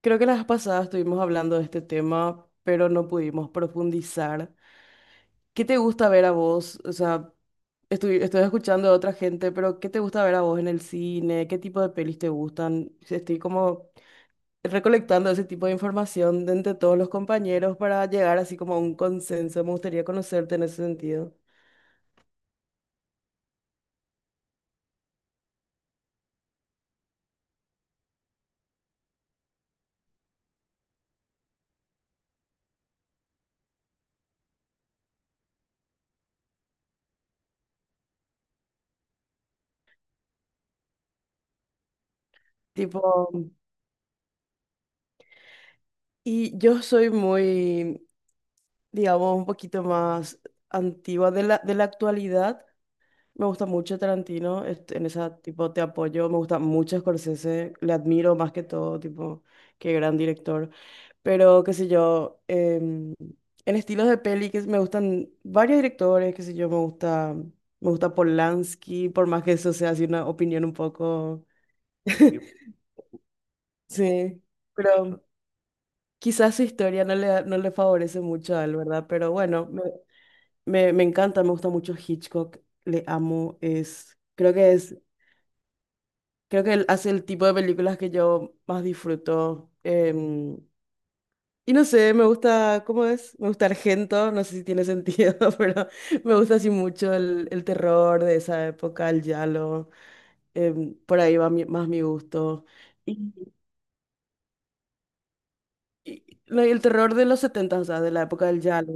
Creo que las pasadas estuvimos hablando de este tema, pero no pudimos profundizar. ¿Qué te gusta ver a vos? O sea, estoy escuchando a otra gente, pero ¿qué te gusta ver a vos en el cine? ¿Qué tipo de pelis te gustan? Estoy como recolectando ese tipo de información de entre todos los compañeros para llegar así como a un consenso. Me gustaría conocerte en ese sentido. Tipo, y yo soy muy, digamos, un poquito más antigua de la actualidad. Me gusta mucho Tarantino, en esa tipo te apoyo, me gusta mucho Scorsese, le admiro más que todo, tipo, qué gran director. Pero, qué sé yo, en estilos de peli que me gustan varios directores, qué sé yo, me gusta Polanski, por más que eso sea así una opinión un poco, sí, pero quizás su historia no le favorece mucho a él, ¿verdad? Pero bueno, me encanta, me gusta mucho Hitchcock, le amo. Es Creo que él hace el tipo de películas que yo más disfruto. Y no sé, me gusta, ¿cómo es? Me gusta Argento, no sé si tiene sentido, pero me gusta así mucho el terror de esa época, el giallo. Por ahí va más mi gusto. Y, no, y el terror de los 70, o sea, de la época del giallo.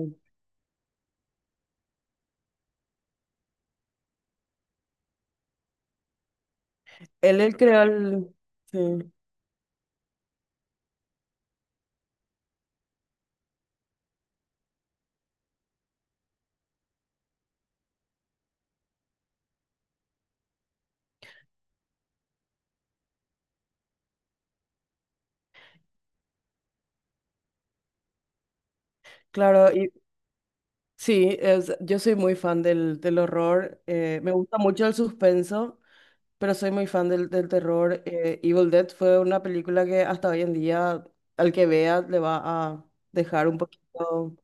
Él creó el... Sí, claro. Sí, yo soy muy fan del horror, me gusta mucho el suspenso, pero soy muy fan del terror. Evil Dead fue una película que hasta hoy en día al que vea le va a dejar un poquito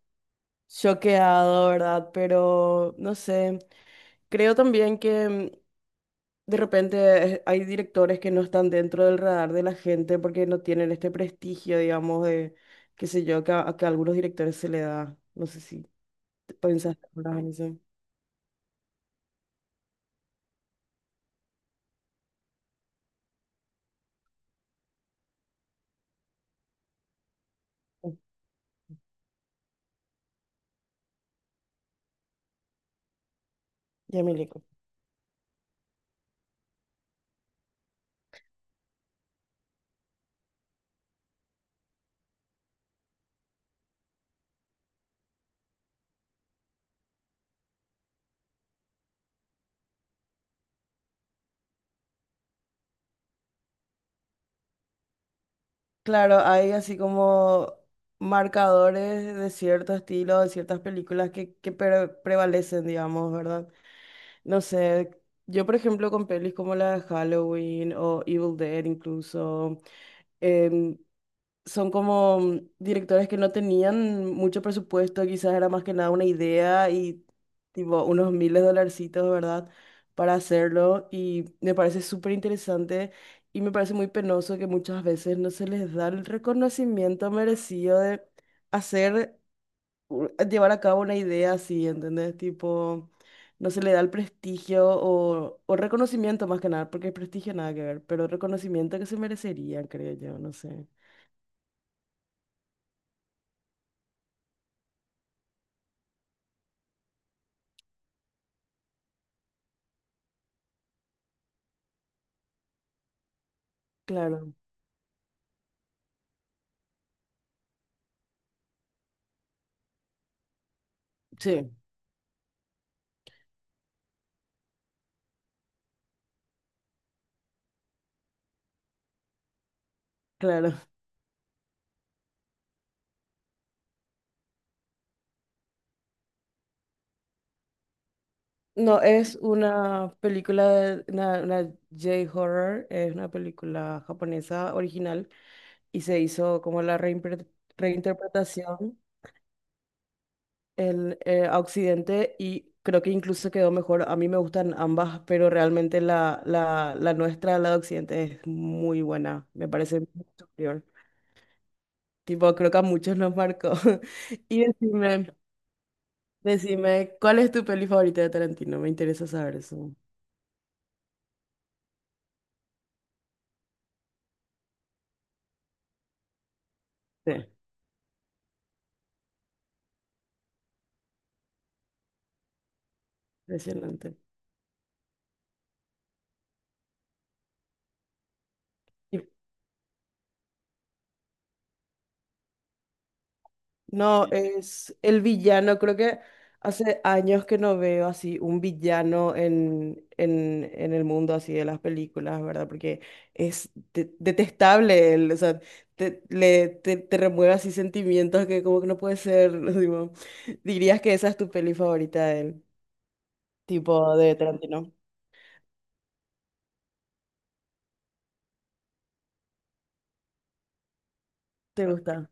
choqueado, ¿verdad? Pero no sé, creo también que de repente hay directores que no están dentro del radar de la gente porque no tienen este prestigio, digamos, de, qué sé yo, que a algunos directores se le da. No sé si pensás en eso. Ya me ubico. Claro, hay así como marcadores de cierto estilo, de ciertas películas que, prevalecen, digamos, ¿verdad? No sé, yo por ejemplo con pelis como la de Halloween o Evil Dead incluso, em, son como directores que no tenían mucho presupuesto, quizás era más que nada una idea y tipo unos miles de dolarcitos, ¿verdad? Para hacerlo y me parece súper interesante y me parece muy penoso que muchas veces no se les da el reconocimiento merecido de hacer, llevar a cabo una idea así, ¿entendés? Tipo, no se le da el prestigio o reconocimiento más que nada, porque el prestigio nada que ver, pero reconocimiento que se merecería, creo yo, no sé. Claro. Sí, claro. No, es una película, una J-horror, es una película japonesa original y se hizo como la reinterpretación a Occidente y creo que incluso quedó mejor. A mí me gustan ambas, pero realmente la nuestra, la de Occidente, es muy buena, me parece muy superior. Tipo, creo que a muchos nos marcó. Y decime, ¿cuál es tu peli favorita de Tarantino? Me interesa saber eso. Sí. Impresionante. Y- No, es el villano, creo que hace años que no veo así un villano en, en el mundo así de las películas, ¿verdad? Porque es detestable él, o sea, te remueve así sentimientos que como que no puede ser, digo, dirías que esa es tu peli favorita de él, tipo de Tarantino. ¿Te gusta?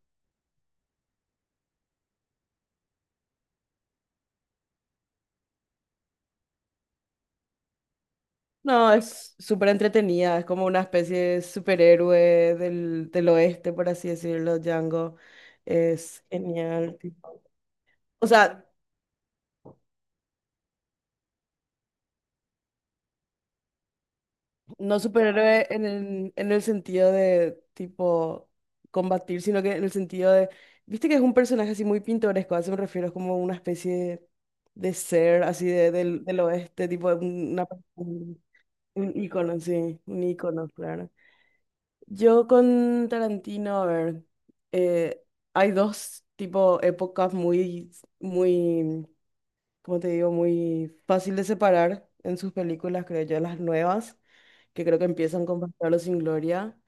No, es súper entretenida, es como una especie de superhéroe del oeste, por así decirlo, Django. Es genial, tipo. O sea, no superhéroe en el sentido de tipo combatir, sino que en el sentido de, viste que es un personaje así muy pintoresco, a eso me refiero, es como una especie de ser así del oeste, tipo un, un ícono, sí, un ícono, claro. Yo con Tarantino, a ver, eh, hay dos tipo épocas muy, muy, ¿cómo te digo? Muy fácil de separar en sus películas, creo yo, las nuevas, que creo que empiezan con Bastardos sin Gloria,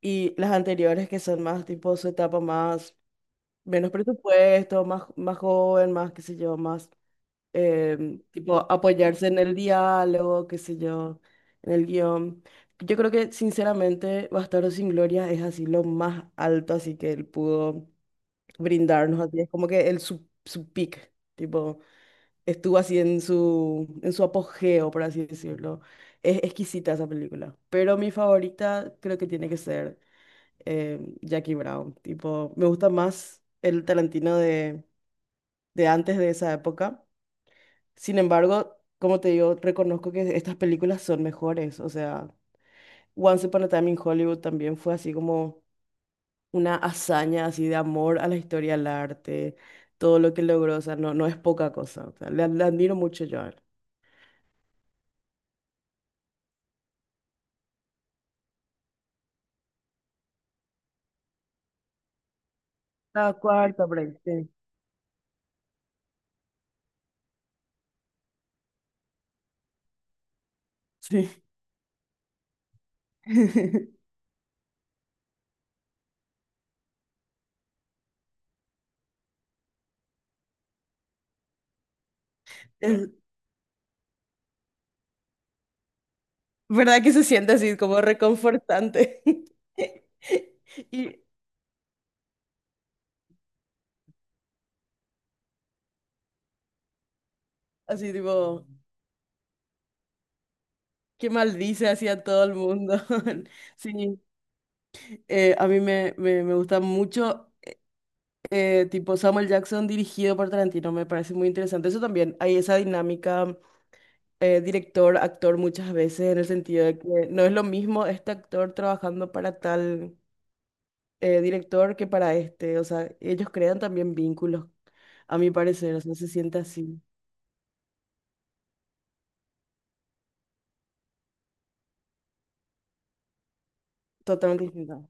y las anteriores que son más tipo su etapa más, menos presupuesto, más joven, más, qué sé yo, más, tipo apoyarse en el diálogo, qué sé yo, en el guión. Yo creo que sinceramente Bastardo sin Gloria es así lo más alto, así que él pudo brindarnos así. Es como que su peak, tipo, estuvo así en su apogeo, por así decirlo. Es exquisita esa película, pero mi favorita creo que tiene que ser, Jackie Brown. Tipo, me gusta más el Tarantino de antes de esa época, sin embargo, como te digo, reconozco que estas películas son mejores. O sea, Once Upon a Time in Hollywood también fue así como una hazaña así de amor a la historia, al arte, todo lo que logró. O sea, no, no es poca cosa. O sea, le admiro mucho yo a él. La cuarta, por ahí, sí. Sí. Es verdad que se siente así como reconfortante. Y así tipo, qué maldice así a todo el mundo. Sí, a mí me gusta mucho, tipo Samuel Jackson dirigido por Tarantino, me parece muy interesante. Eso también, hay esa dinámica, director-actor muchas veces, en el sentido de que no es lo mismo este actor trabajando para tal, director que para este. O sea, ellos crean también vínculos, a mi parecer, o sea, se siente así, totalmente distinto.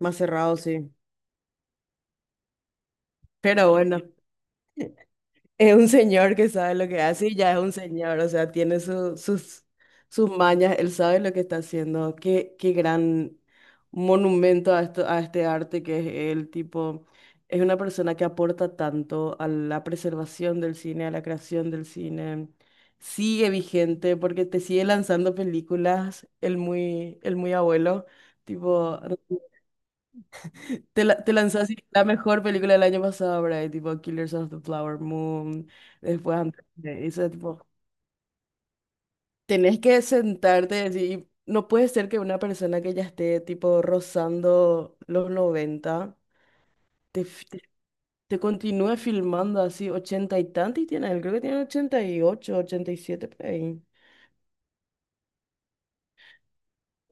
Más cerrado, sí. Pero bueno. Es un señor que sabe lo que hace y ya es un señor, o sea, tiene sus mañas, él sabe lo que está haciendo. Qué gran monumento a esto, a este arte que es él, tipo, es una persona que aporta tanto a la preservación del cine, a la creación del cine. Sigue vigente porque te sigue lanzando películas, el muy abuelo, tipo, te lanzó así la mejor película del año pasado, ¿verdad? Tipo Killers of the Flower Moon, después antes de eso, tipo, tenés que sentarte y decir, no puede ser que una persona que ya esté tipo rozando los 90 te, f- te, te continúe filmando así ochenta y tantos y tiene, él, creo que tiene 88, 87 por ahí.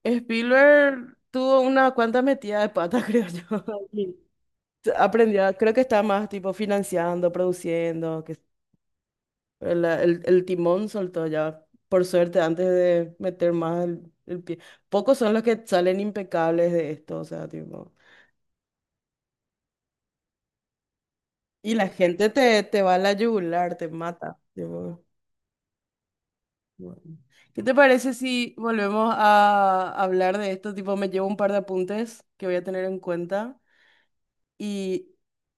Spielberg tuvo una cuanta metida de pata, creo yo. Y aprendió, creo que está más tipo financiando, produciendo, que el timón soltó ya, por suerte, antes de meter más el pie. Pocos son los que salen impecables de esto, o sea, tipo. Y la gente te va a la yugular, te mata, tipo, bueno. ¿Qué te parece si volvemos a hablar de esto? Tipo, me llevo un par de apuntes que voy a tener en cuenta y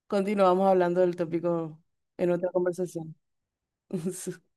continuamos hablando del tópico en otra conversación.